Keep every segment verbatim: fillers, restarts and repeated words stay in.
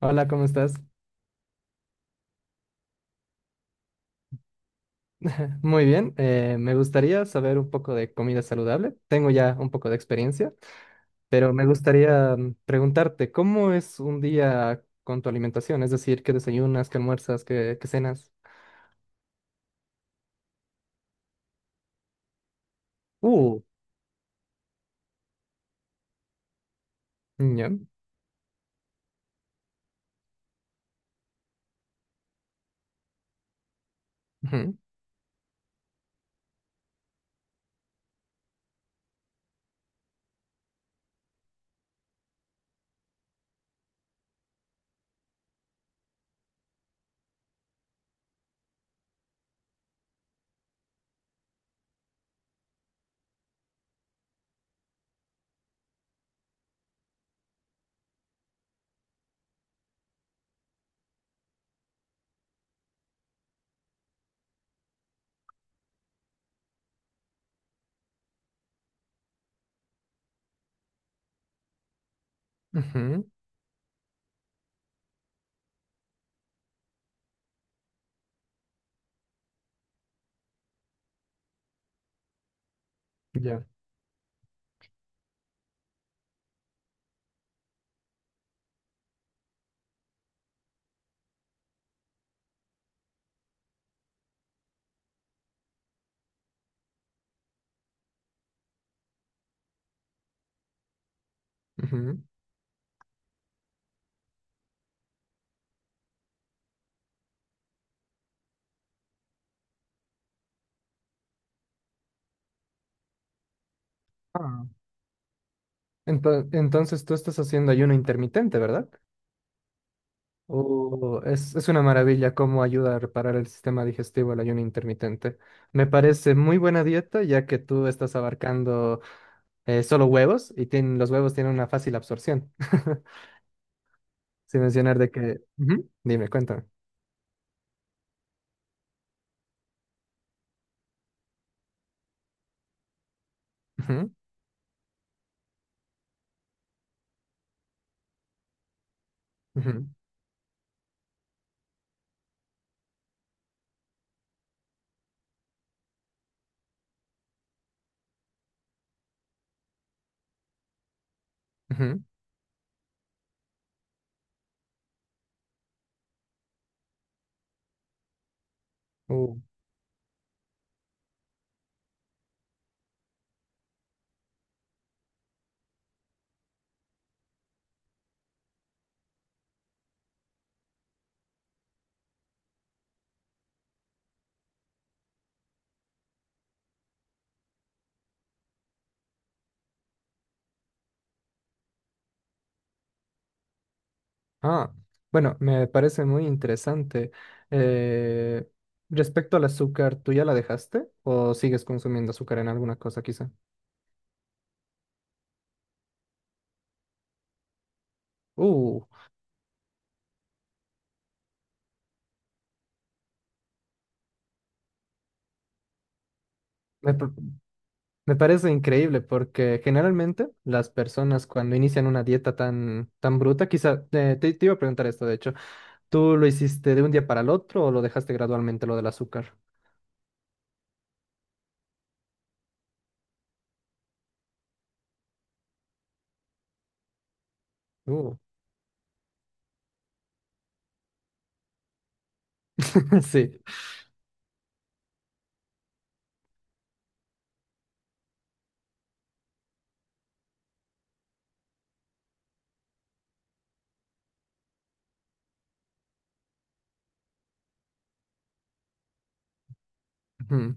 Hola, ¿cómo estás? Muy bien, eh, me gustaría saber un poco de comida saludable. Tengo ya un poco de experiencia, pero me gustaría mm, preguntarte, ¿cómo es un día con tu alimentación? Es decir, ¿qué desayunas, qué almuerzas, qué, qué cenas? Uh, ya. Ujú. Ujú. Ya. Ujú. Ah. Ento- entonces tú estás haciendo ayuno intermitente, ¿verdad? Uh, es, es una maravilla cómo ayuda a reparar el sistema digestivo el ayuno intermitente. Me parece muy buena dieta ya que tú estás abarcando eh, solo huevos y tienen- los huevos tienen una fácil absorción. Sin mencionar de que... Ujú. Dime, cuéntame. Ujú. Ujú. Ujú. Uh, Ah, bueno, me parece muy interesante. Eh, Respecto al azúcar, ¿tú ya la dejaste o sigues consumiendo azúcar en alguna cosa quizá? Uh, me, Me parece increíble porque generalmente las personas cuando inician una dieta tan, tan bruta, quizá eh, te, te iba a preguntar esto, de hecho, ¿tú lo hiciste de un día para el otro o lo dejaste gradualmente lo del azúcar? Uh, sí. Ujú.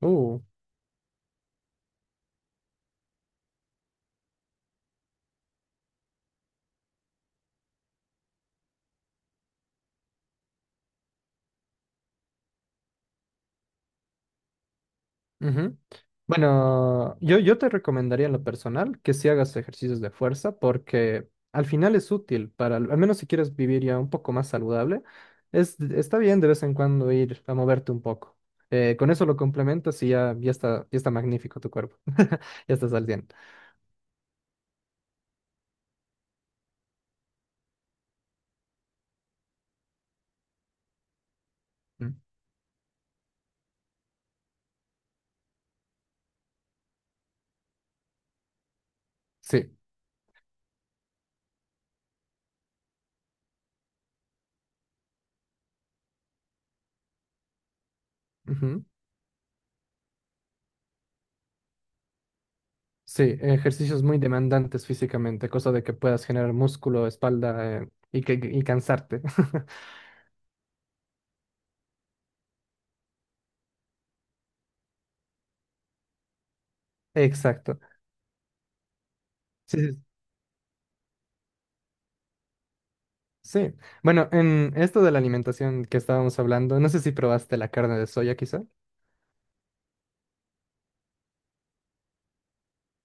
Uh. Ujú. Bueno, yo, yo te recomendaría en lo personal que si hagas ejercicios de fuerza porque al final es útil para, al menos si quieres vivir ya un poco más saludable, es, está bien de vez en cuando ir a moverte un poco. Eh, con eso lo complementas y ya, ya está, ya está magnífico tu cuerpo. Ya estás al día. Mm. Sí. Ujú. Sí, ejercicios muy demandantes físicamente, cosa de que puedas generar músculo, espalda, eh, y, que, y cansarte. Exacto. Sí, sí. Sí. Bueno, en esto de la alimentación que estábamos hablando, no sé si probaste la carne de soya quizá.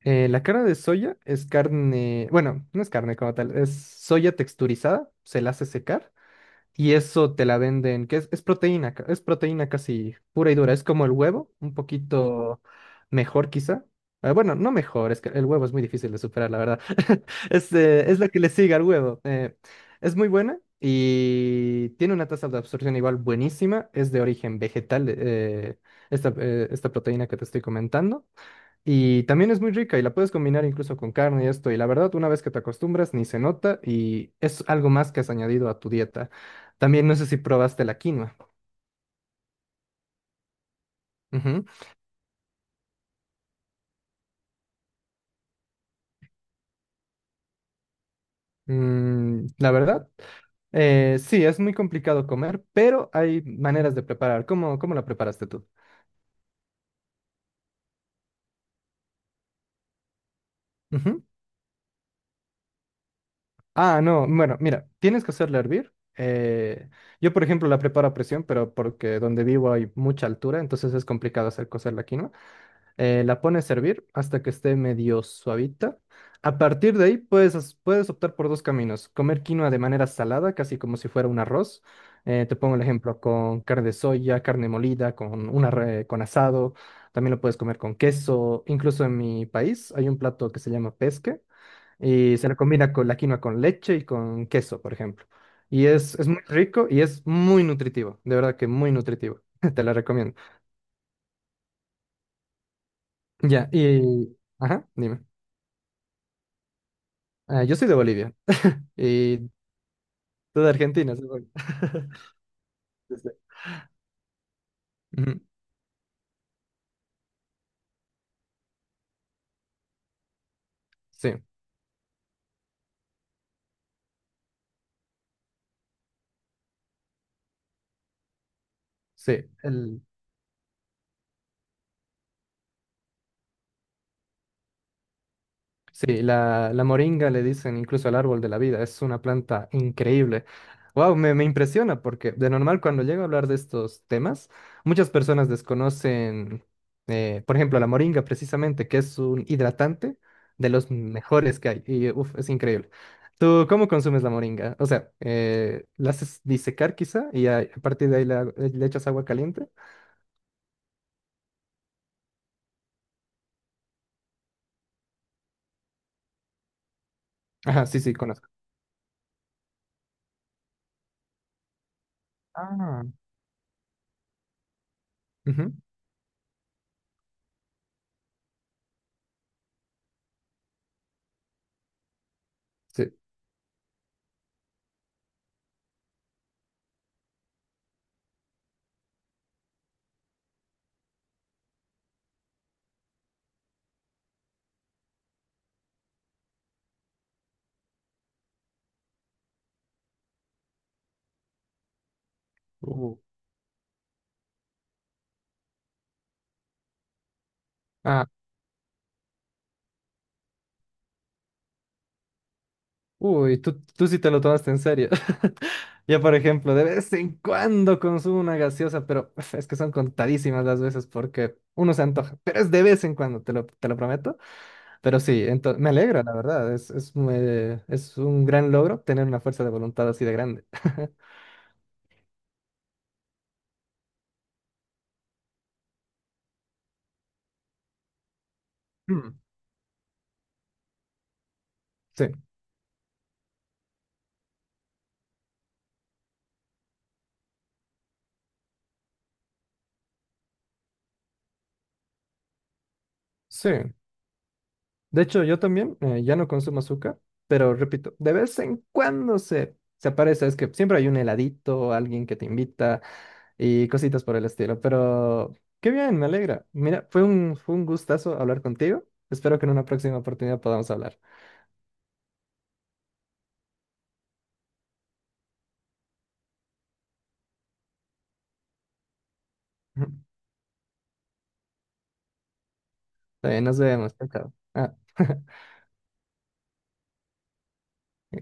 Eh, la carne de soya es carne, bueno, no es carne como tal, es soya texturizada, se la hace secar. Y eso te la venden, que es, es proteína, ca- es proteína casi pura y dura. Es como el huevo, un poquito mejor quizá. Eh, bueno, no mejor, es que el huevo es muy difícil de superar, la verdad. Es, eh, es lo que le sigue al huevo. Eh, es muy buena y tiene una tasa de absorción igual buenísima. Es de origen vegetal, eh, esta, eh, esta proteína que te estoy comentando. Y también es muy rica y la puedes combinar incluso con carne y esto. Y la verdad, una vez que te acostumbras, ni se nota y es algo más que has añadido a tu dieta. También no sé si probaste la quinoa. Ujú. Mm, la verdad, eh, sí, es muy complicado comer, pero hay maneras de preparar. ¿Cómo, cómo la preparaste tú? Ujú. Ah, no, bueno, mira, tienes que hacerla hervir. Eh, yo, por ejemplo, la preparo a presión, pero porque donde vivo hay mucha altura, entonces es complicado hacer cocer la quinoa. eh, la pones a hervir hasta que esté medio suavita. A partir de ahí puedes, as- puedes optar por dos caminos. Comer quinoa de manera salada, casi como si fuera un arroz. Eh, te pongo el ejemplo con carne de soya, carne molida, con, una, re- con asado. También lo puedes comer con queso. Incluso en mi país hay un plato que se llama pesque y se le combina con la quinoa con leche y con queso, por ejemplo. Y es, es muy rico y es muy nutritivo. De verdad que muy nutritivo. Te la recomiendo. Ya, y... Ajá, dime. Ah, yo soy de Bolivia y tú de Argentina, supongo. Sí, sí, sí, el, sí, la, la moringa le dicen incluso el árbol de la vida, es una planta increíble. Wow, me, me impresiona porque de normal cuando llego a hablar de estos temas, muchas personas desconocen, eh, por ejemplo, la moringa precisamente, que es un hidratante de los mejores que hay y uf, es increíble. ¿Tú cómo consumes la moringa? O sea, eh, ¿la haces disecar quizá y a, a partir de ahí la- le echas agua caliente? Ajá, sí, sí, conozco. Ah. Ujú, sí. Uh, Ah, Uy, tú, tú sí te lo tomaste en serio. Yo, por ejemplo, de vez en cuando consumo una gaseosa, pero uf, es que son contadísimas las veces porque uno se antoja, pero es de vez en cuando, te lo, te lo prometo. Pero sí, ento- me alegra, la verdad, es, es, muy- es un gran logro tener una fuerza de voluntad así de grande. Mm. Sí, sí. De hecho, yo también eh, ya no consumo azúcar, pero repito, de vez en cuando se, se aparece, es que siempre hay un heladito, alguien que te invita. Y cositas por el estilo. Pero qué bien, me alegra. Mira, fue un, fue un gustazo hablar contigo. Espero que en una próxima oportunidad podamos hablar. Ujú. Está bien, nos vemos. Chao, chao. Ah.